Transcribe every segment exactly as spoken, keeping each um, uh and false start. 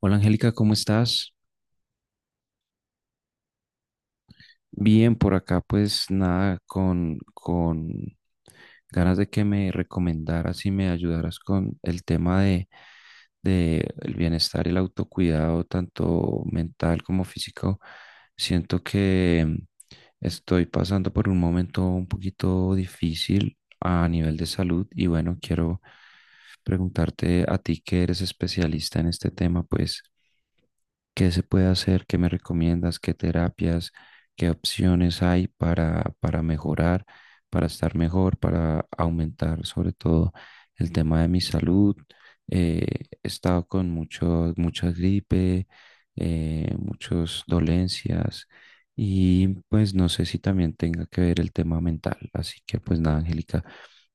Hola, Angélica, ¿cómo estás? Bien, por acá pues nada, con, con ganas de que me recomendaras y me ayudaras con el tema de, de el bienestar y el autocuidado, tanto mental como físico. Siento que mm, estoy pasando por un momento un poquito difícil a nivel de salud y bueno, quiero preguntarte a ti que eres especialista en este tema, pues ¿qué se puede hacer? ¿Qué me recomiendas? ¿Qué terapias? ¿Qué opciones hay para, para mejorar, para estar mejor, para aumentar sobre todo el tema de mi salud? Eh, He estado con mucho, mucha gripe, eh, muchas dolencias y pues no sé si también tenga que ver el tema mental. Así que pues nada, Angélica,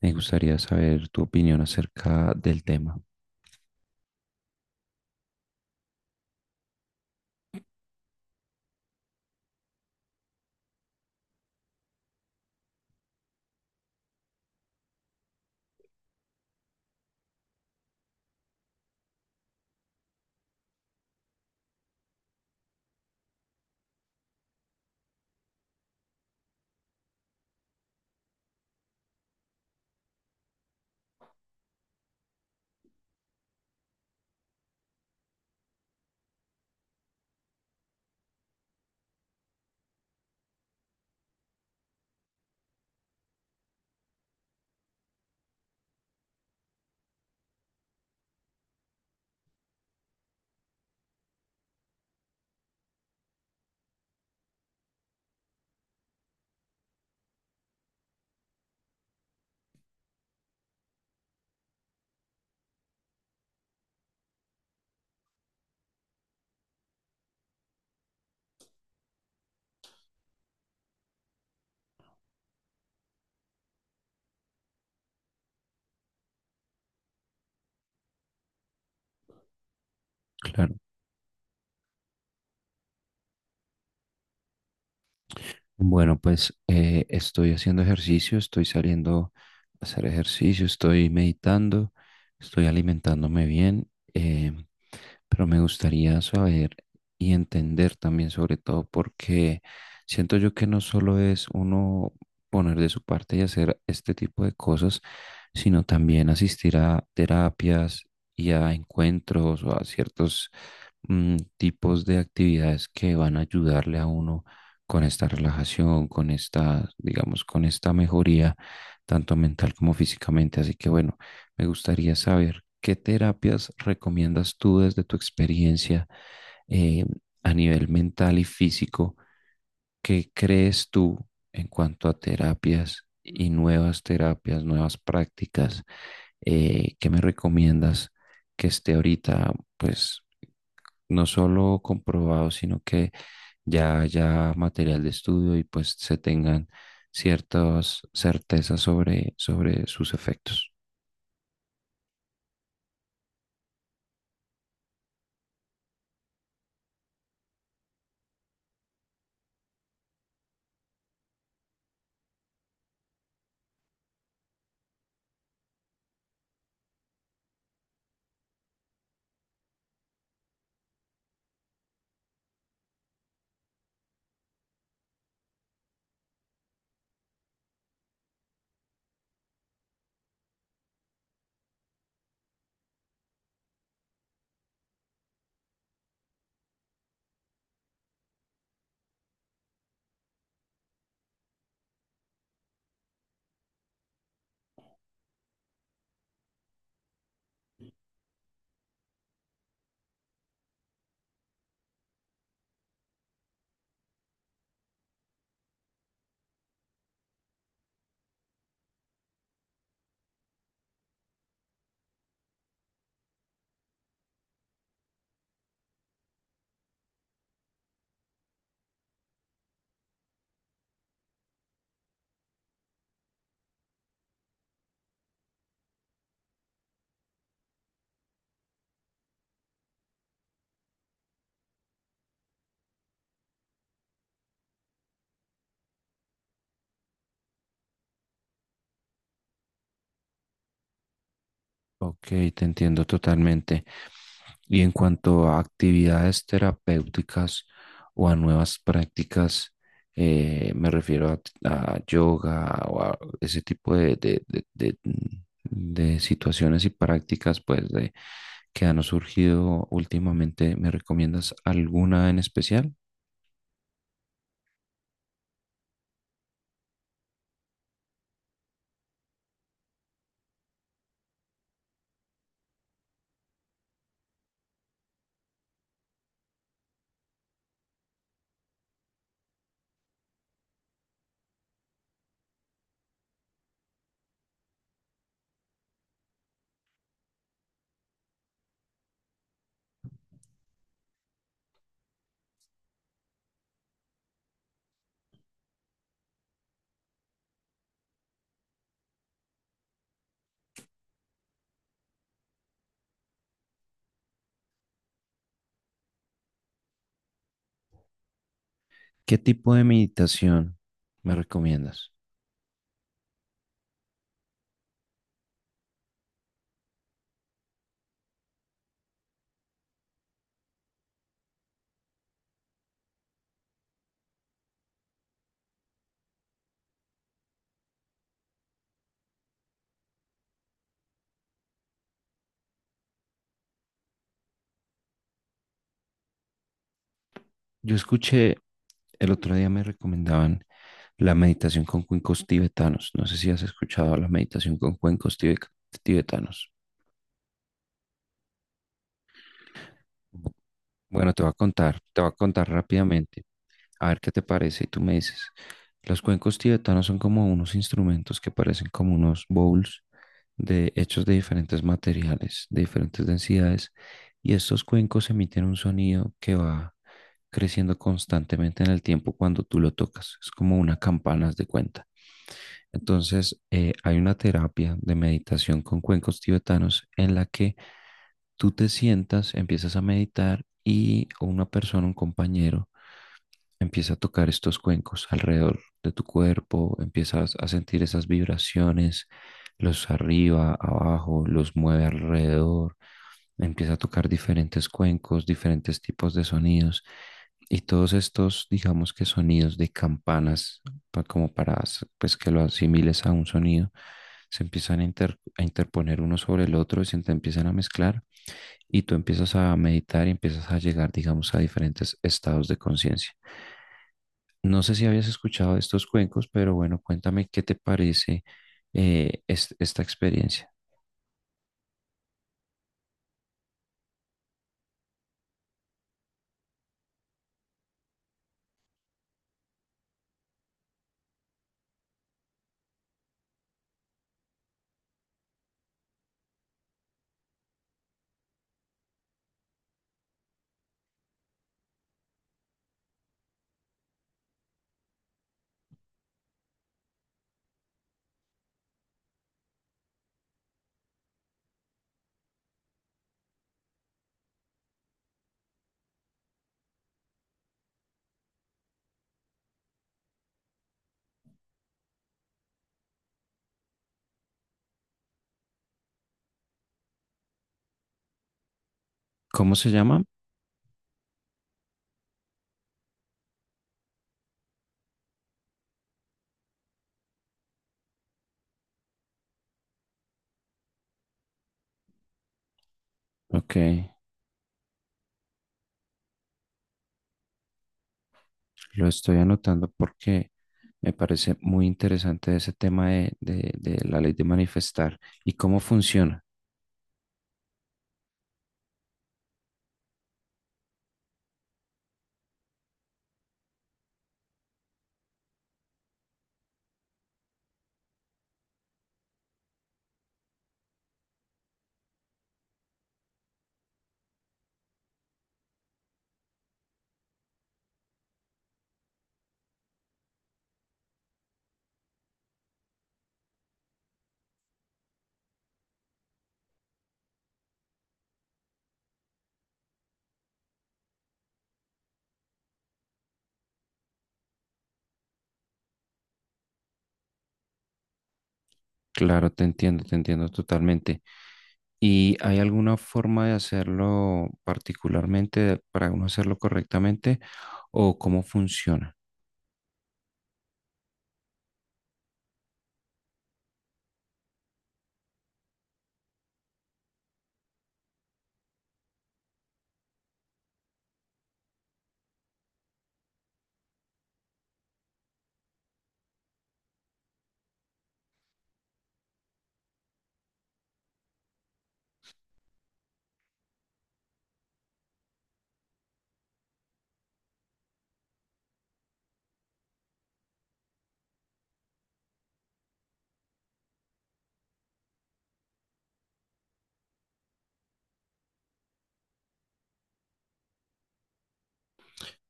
me gustaría saber tu opinión acerca del tema. Claro. Bueno, pues eh, estoy haciendo ejercicio, estoy saliendo a hacer ejercicio, estoy meditando, estoy alimentándome bien, eh, pero me gustaría saber y entender también sobre todo porque siento yo que no solo es uno poner de su parte y hacer este tipo de cosas, sino también asistir a terapias y a encuentros o a ciertos mm, tipos de actividades que van a ayudarle a uno con esta relajación, con esta, digamos, con esta mejoría, tanto mental como físicamente. Así que bueno, me gustaría saber qué terapias recomiendas tú desde tu experiencia, eh, a nivel mental y físico, qué crees tú en cuanto a terapias y nuevas terapias, nuevas prácticas, eh, qué me recomiendas que esté ahorita, pues no solo comprobado, sino que ya haya material de estudio y pues se tengan ciertas certezas sobre, sobre sus efectos. Ok, te entiendo totalmente. Y en cuanto a actividades terapéuticas o a nuevas prácticas, eh, me refiero a, a yoga o a ese tipo de, de- de- de- mm, de situaciones y prácticas pues, de- que han surgido últimamente. ¿Me recomiendas alguna en especial? ¿Qué tipo de meditación me recomiendas? Yo escuché, el otro día me recomendaban la meditación con cuencos tibetanos. No sé si has escuchado la meditación con cuencos tibe- tibetanos. Bu- Bueno, te voy a contar, te voy a contar rápidamente. A ver qué te parece y tú me dices. Los cuencos tibetanos son como unos instrumentos que parecen como unos bowls de, hechos de diferentes materiales, de diferentes densidades, y estos cuencos emiten un sonido que va creciendo constantemente en el tiempo cuando tú lo tocas. Es como una campana, haz de cuenta. Entonces, eh, hay una terapia de meditación con cuencos tibetanos en la que tú te sientas, empiezas a meditar y una persona, un compañero, empieza a tocar estos cuencos alrededor de tu cuerpo, empiezas a sentir esas vibraciones, los arriba, abajo, los mueve alrededor, empieza a tocar diferentes cuencos, diferentes tipos de sonidos y todos estos, digamos que sonidos de campanas, pa- como para pues, que lo asimiles a un sonido, se empiezan a, inter- a interponer uno sobre el otro y se te empiezan a mezclar y tú empiezas a meditar y empiezas a llegar, digamos, a diferentes estados de conciencia. No sé si habías escuchado de estos cuencos, pero bueno, cuéntame qué te parece eh, es- esta experiencia. ¿Cómo se llama? Ok, lo estoy anotando porque me parece muy interesante ese tema de, de- de la ley de manifestar y cómo funciona. Claro, te entiendo, te entiendo totalmente. ¿Y hay alguna forma de hacerlo particularmente para uno hacerlo correctamente o cómo funciona?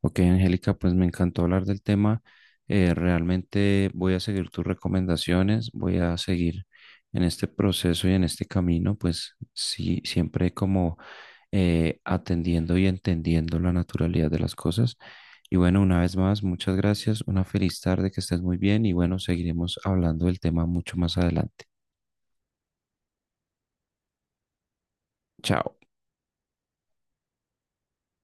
Ok, Angélica, pues me encantó hablar del tema. Eh, realmente voy a seguir tus recomendaciones, voy a seguir en este proceso y en este camino, pues sí, siempre como eh, atendiendo y entendiendo la naturalidad de las cosas. Y bueno, una vez más, muchas gracias, una feliz tarde, que estés muy bien y bueno, seguiremos hablando del tema mucho más adelante. Chao.